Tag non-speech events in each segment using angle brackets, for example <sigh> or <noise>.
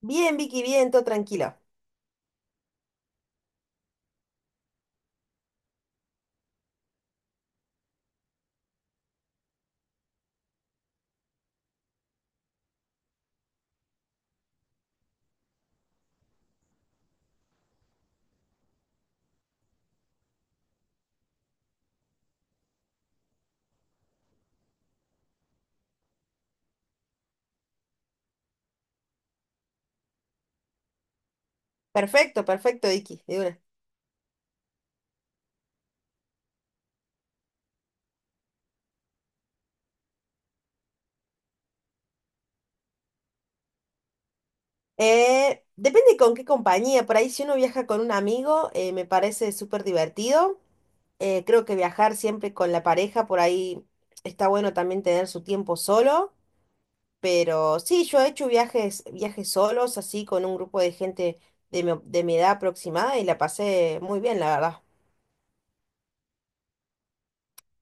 Bien, Vicky, bien, todo tranquilo. Perfecto, perfecto, Vicky, de una. Depende con qué compañía. Por ahí, si uno viaja con un amigo, me parece súper divertido. Creo que viajar siempre con la pareja, por ahí está bueno también tener su tiempo solo. Pero sí, yo he hecho viajes, viajes solos, así con un grupo de gente de mi edad aproximada y la pasé muy bien, la verdad.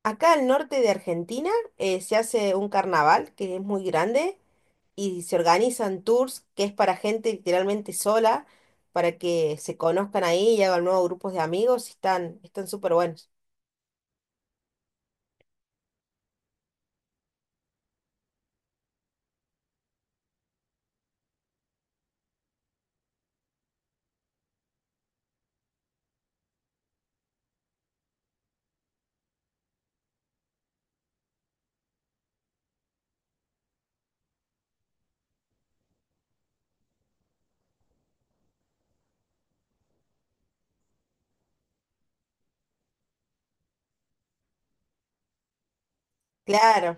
Acá al norte de Argentina, se hace un carnaval que es muy grande. Y se organizan tours que es para gente literalmente sola, para que se conozcan ahí y hagan nuevos grupos de amigos, y están súper buenos. Claro,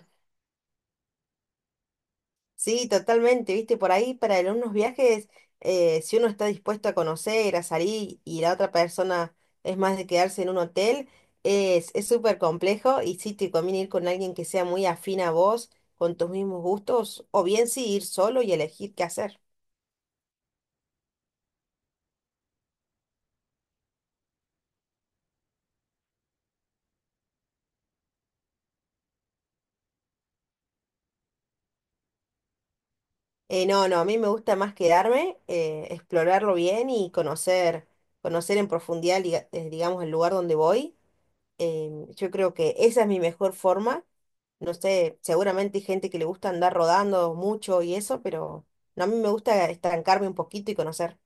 sí, totalmente, viste, por ahí para en unos viajes, si uno está dispuesto a conocer, a salir y la otra persona es más de quedarse en un hotel, es súper complejo y sí te conviene ir con alguien que sea muy afín a vos, con tus mismos gustos, o bien sí ir solo y elegir qué hacer. No, a mí me gusta más quedarme, explorarlo bien y conocer en profundidad, digamos, el lugar donde voy. Yo creo que esa es mi mejor forma. No sé, seguramente hay gente que le gusta andar rodando mucho y eso, pero no, a mí me gusta estancarme un poquito y conocer.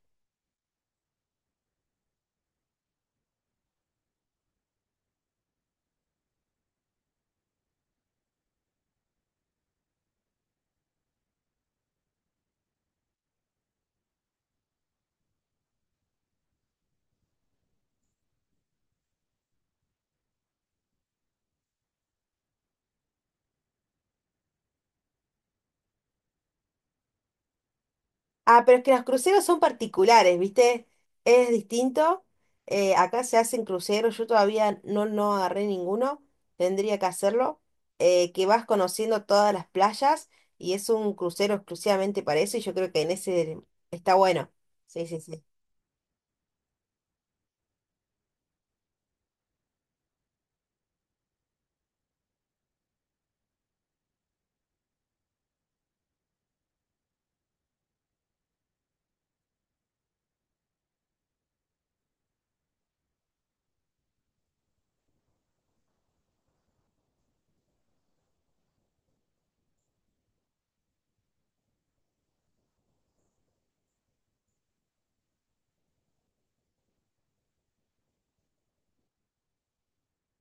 Ah, pero es que los cruceros son particulares, ¿viste? Es distinto. Acá se hacen cruceros, yo todavía no agarré ninguno, tendría que hacerlo, que vas conociendo todas las playas y es un crucero exclusivamente para eso y yo creo que en ese está bueno. Sí, sí, sí.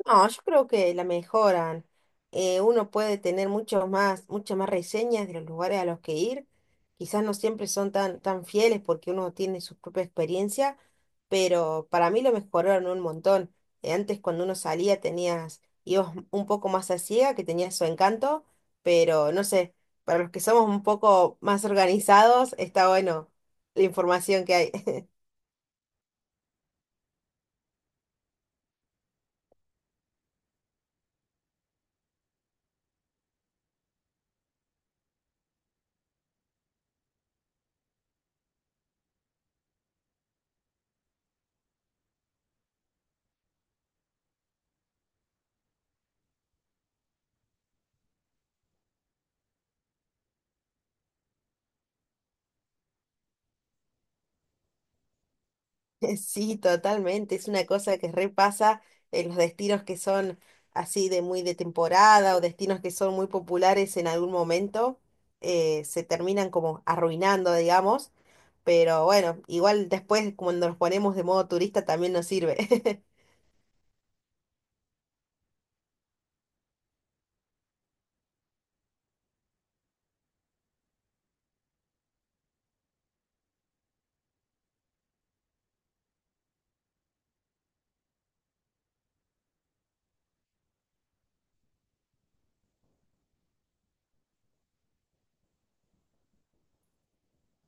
No, yo creo que la mejoran. Uno puede tener muchos más, muchas más reseñas de los lugares a los que ir. Quizás no siempre son tan fieles porque uno tiene su propia experiencia, pero para mí lo mejoraron un montón. Antes cuando uno salía tenías, ibas un poco más a ciega, que tenía su encanto, pero no sé, para los que somos un poco más organizados, está bueno la información que hay. <laughs> Sí, totalmente. Es una cosa que repasa en los destinos que son así de muy de temporada o destinos que son muy populares en algún momento, se terminan como arruinando, digamos. Pero bueno, igual después cuando nos ponemos de modo turista también nos sirve.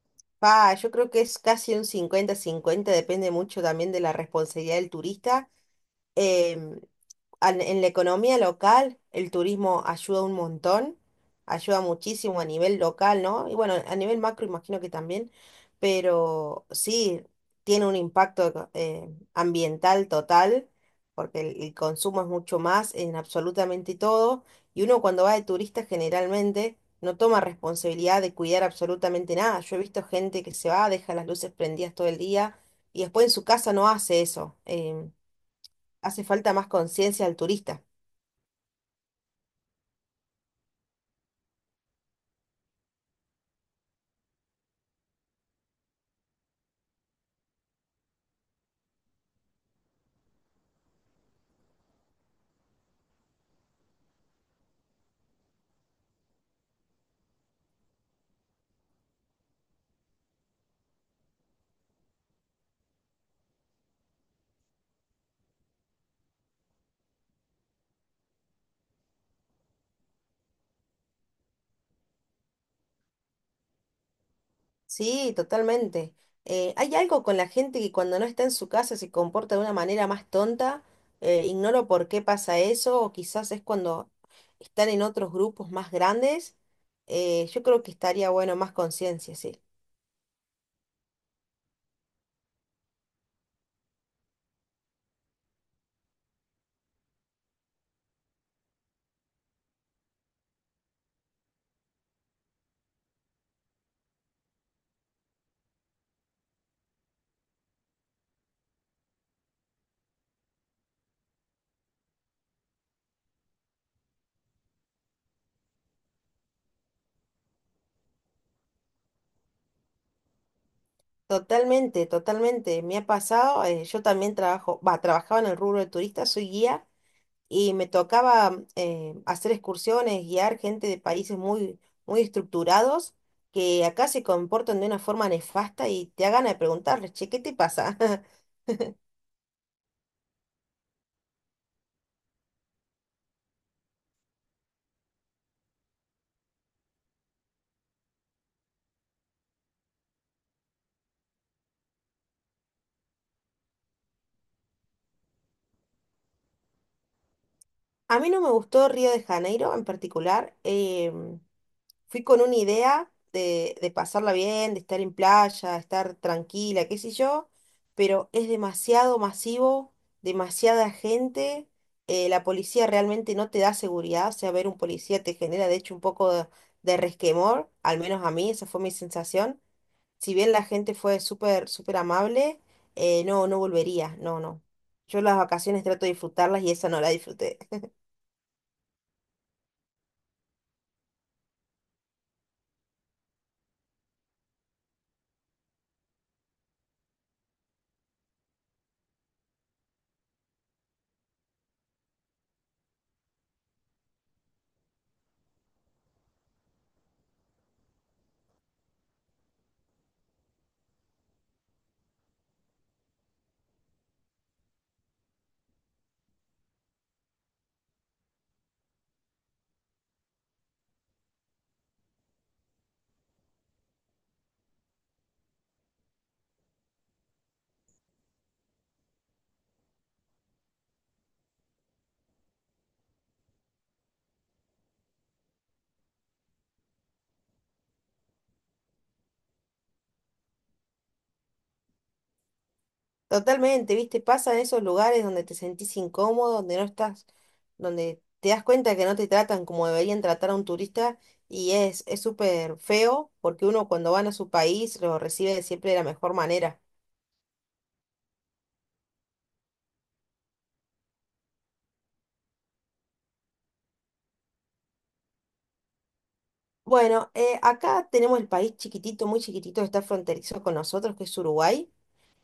<laughs> Yo creo que es casi un cincuenta-cincuenta, depende mucho también de la responsabilidad del turista. em, en la economía local, el turismo ayuda un montón, ayuda muchísimo a nivel local, ¿no? Y bueno, a nivel macro imagino que también, pero sí, tiene un impacto ambiental total, porque el consumo es mucho más en absolutamente todo, y uno cuando va de turista generalmente no toma responsabilidad de cuidar absolutamente nada. Yo he visto gente que se va, deja las luces prendidas todo el día, y después en su casa no hace eso. Hace falta más conciencia al turista. Sí, totalmente. Hay algo con la gente que cuando no está en su casa se comporta de una manera más tonta. Ignoro por qué pasa eso, o quizás es cuando están en otros grupos más grandes. Yo creo que estaría bueno más conciencia, sí. Totalmente, totalmente. Me ha pasado, yo también trabajaba en el rubro de turistas, soy guía. Y me tocaba hacer excursiones, guiar gente de países muy estructurados que acá se comportan de una forma nefasta y te hagan a preguntarles, che, ¿qué te pasa? <laughs> A mí no me gustó Río de Janeiro en particular. Fui con una idea de pasarla bien, de estar en playa, estar tranquila, qué sé yo, pero es demasiado masivo, demasiada gente, la policía realmente no te da seguridad, o sea, ver un policía te genera de hecho un poco de resquemor, al menos a mí, esa fue mi sensación. Si bien la gente fue súper amable, no, no volvería, no, no. Yo las vacaciones trato de disfrutarlas y esa no la disfruté. Totalmente, ¿viste? Pasa en esos lugares donde te sentís incómodo, donde no estás, donde te das cuenta que no te tratan como deberían tratar a un turista y es súper feo porque uno cuando van a su país lo recibe siempre de la mejor manera. Bueno, acá tenemos el país chiquitito, muy chiquitito, que está fronterizo con nosotros, que es Uruguay.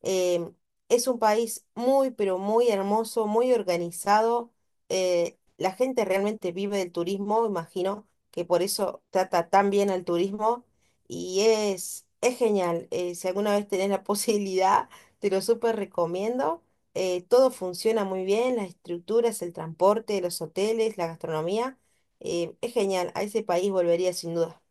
Eh, es un país muy, pero muy hermoso, muy organizado. La gente realmente vive del turismo, imagino que por eso trata tan bien al turismo y es genial. Si alguna vez tenés la <laughs> posibilidad, te lo súper recomiendo. Todo funciona muy bien, las estructuras, el transporte, los hoteles, la gastronomía. Es genial, a ese país volvería sin duda.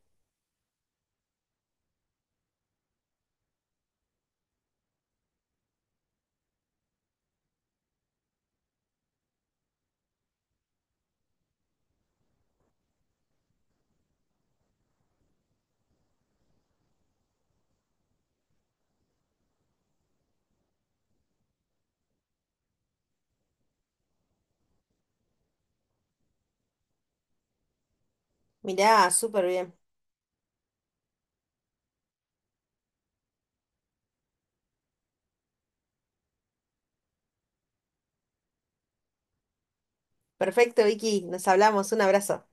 Mirá, súper bien. Perfecto, Vicky, nos hablamos, un abrazo.